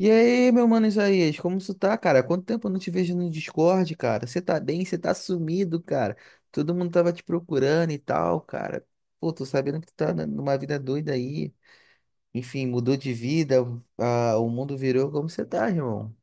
E aí, meu mano Isaías, como tu tá, cara? Quanto tempo eu não te vejo no Discord, cara? Você tá bem? Você tá sumido, cara? Todo mundo tava te procurando e tal, cara. Pô, tô sabendo que tu tá numa vida doida aí. Enfim, mudou de vida, ah, o mundo virou. Como você tá, irmão?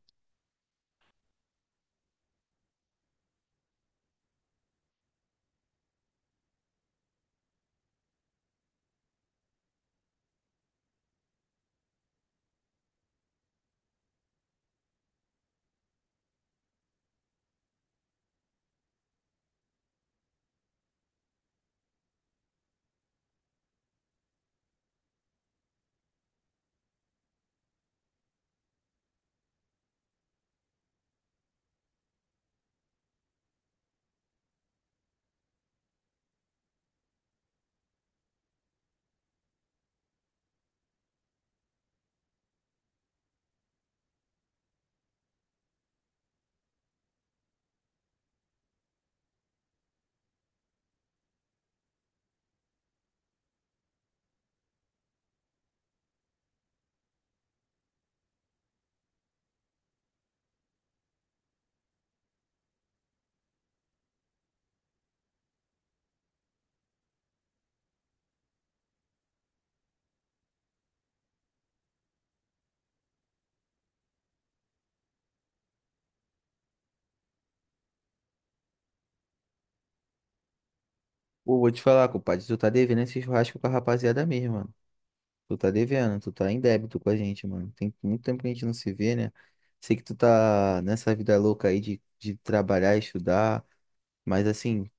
Pô, vou te falar, compadre, tu tá devendo esse churrasco com a rapaziada mesmo, mano. Tu tá devendo, tu tá em débito com a gente, mano. Tem muito tempo que a gente não se vê, né? Sei que tu tá nessa vida louca aí de trabalhar e estudar. Mas assim,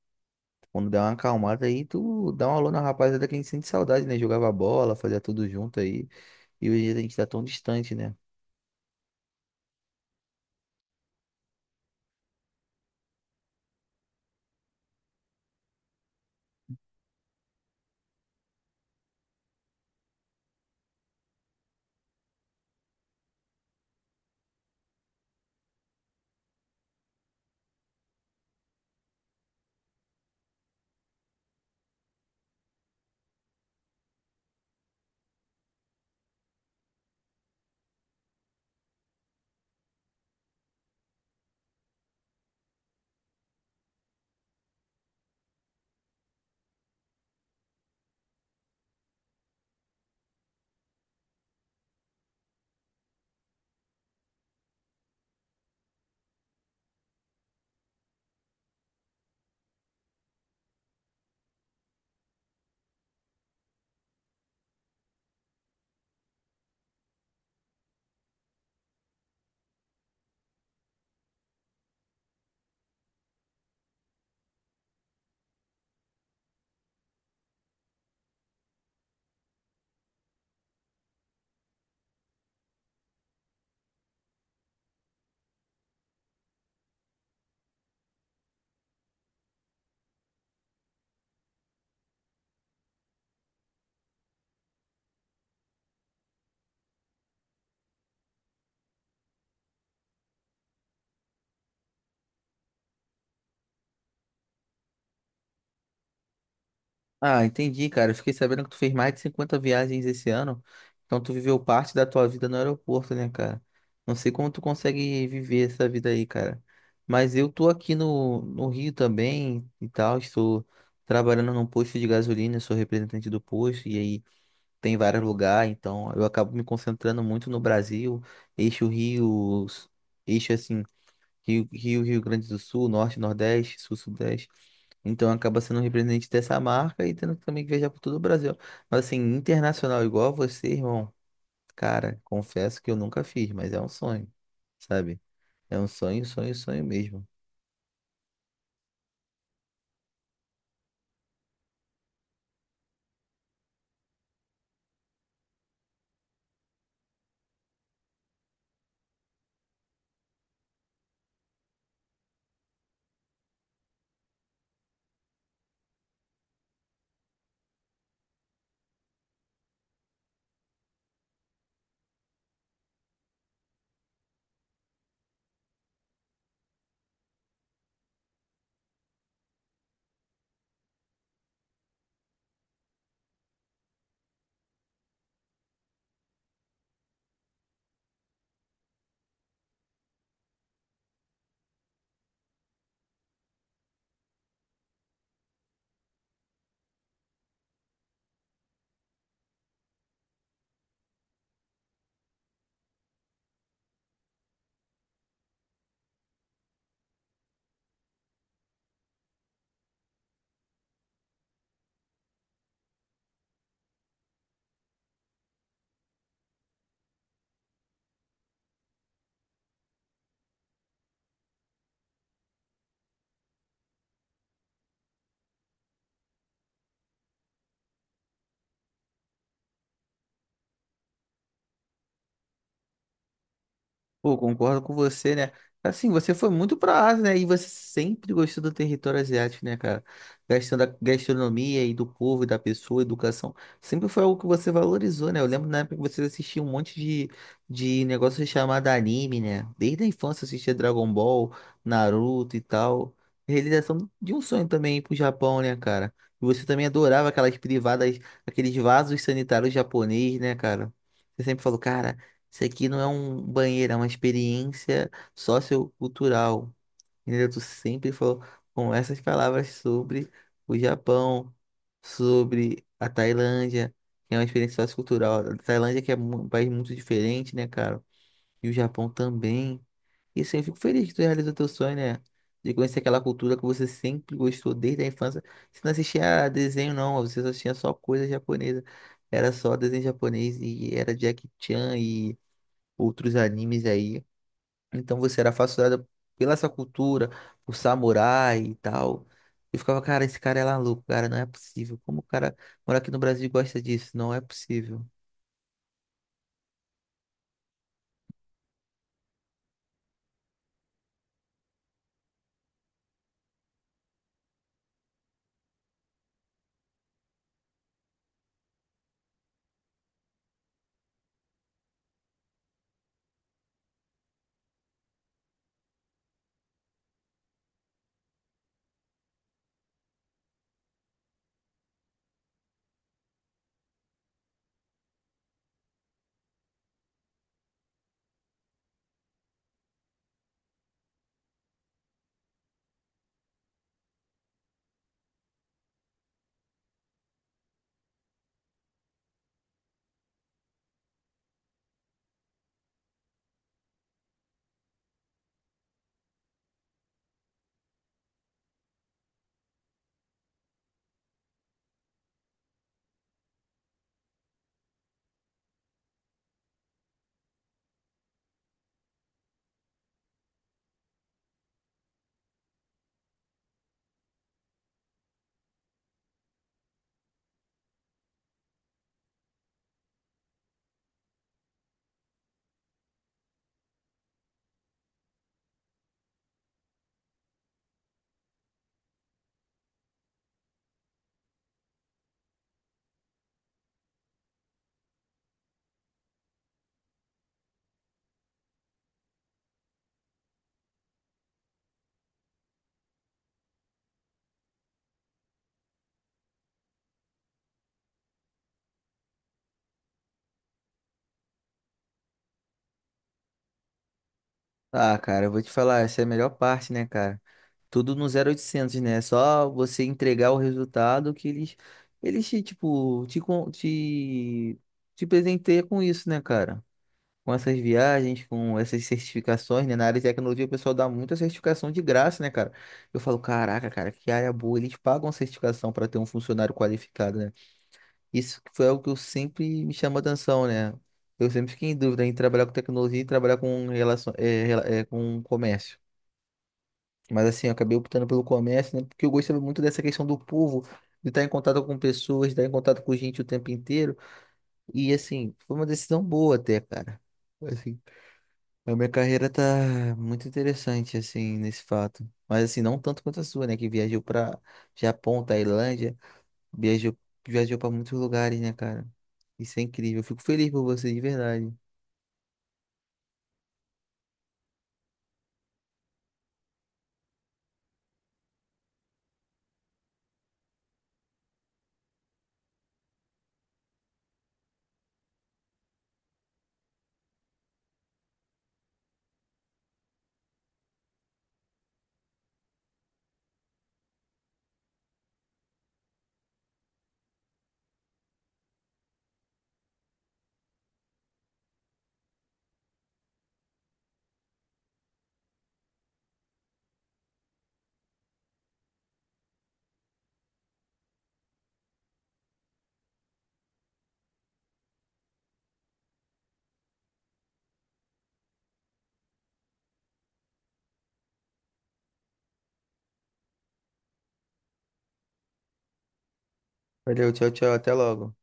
quando der uma acalmada aí, tu dá um alô na rapaziada que a gente sente saudade, né? Jogava bola, fazia tudo junto aí. E hoje a gente tá tão distante, né? Ah, entendi, cara. Eu fiquei sabendo que tu fez mais de 50 viagens esse ano. Então tu viveu parte da tua vida no aeroporto, né, cara? Não sei como tu consegue viver essa vida aí, cara. Mas eu tô aqui no Rio também e tal. Estou trabalhando num posto de gasolina, sou representante do posto. E aí tem vários lugares, então eu acabo me concentrando muito no Brasil, eixo Rio, eixo assim, Rio Grande do Sul, Norte, Nordeste, Sul, Sudeste. Então acaba sendo um representante dessa marca e tendo também que viajar por todo o Brasil. Mas assim, internacional igual você, irmão, cara, confesso que eu nunca fiz, mas é um sonho, sabe? É um sonho, sonho, sonho mesmo. Pô, concordo com você, né? Assim, você foi muito pra Ásia, né? E você sempre gostou do território asiático, né, cara? Gastando da gastronomia e do povo, e da pessoa, educação. Sempre foi algo que você valorizou, né? Eu lembro na época que você assistia um monte de negócio chamado anime, né? Desde a infância assistia Dragon Ball, Naruto e tal. Realização de um sonho também ir pro Japão, né, cara? E você também adorava aquelas privadas, aqueles vasos sanitários japoneses, né, cara? Você sempre falou, cara. Isso aqui não é um banheiro, é uma experiência sociocultural. Entendeu? Tu sempre falou com essas palavras sobre o Japão, sobre a Tailândia, que é uma experiência sociocultural. A Tailândia que é um país muito diferente, né, cara? E o Japão também. E assim, eu fico feliz que tu realizou teu sonho, né? De conhecer aquela cultura que você sempre gostou desde a infância. Você não assistia a desenho, não. Você só tinha só coisa japonesa. Era só desenho japonês e era Jackie Chan e outros animes aí. Então você era fascinada pela essa cultura, por samurai e tal. Eu ficava, cara, esse cara é maluco, cara, não é possível. Como o cara mora aqui no Brasil e gosta disso? Não é possível. Ah, cara, eu vou te falar, essa é a melhor parte, né, cara? Tudo no 0800, né? Só você entregar o resultado que eles te, tipo, te, te presenteiam com isso, né, cara? Com essas viagens, com essas certificações, né? Na área de tecnologia, o pessoal dá muita certificação de graça, né, cara? Eu falo, caraca, cara, que área boa. Eles pagam a certificação para ter um funcionário qualificado, né? Isso foi algo que eu sempre me chamou atenção, né? Eu sempre fiquei em dúvida em trabalhar com tecnologia e trabalhar com relação, com comércio. Mas assim, eu acabei optando pelo comércio, né? Porque eu gostava muito dessa questão do povo, de estar em contato com pessoas, de estar em contato com gente o tempo inteiro. E assim, foi uma decisão boa até, cara. Assim, a minha carreira tá muito interessante, assim, nesse fato. Mas, assim, não tanto quanto a sua, né? Que viajou pra Japão, Tailândia, viajou, viajou pra muitos lugares, né, cara? Isso é incrível. Eu fico feliz por você, de verdade. Valeu, tchau, tchau. Até logo.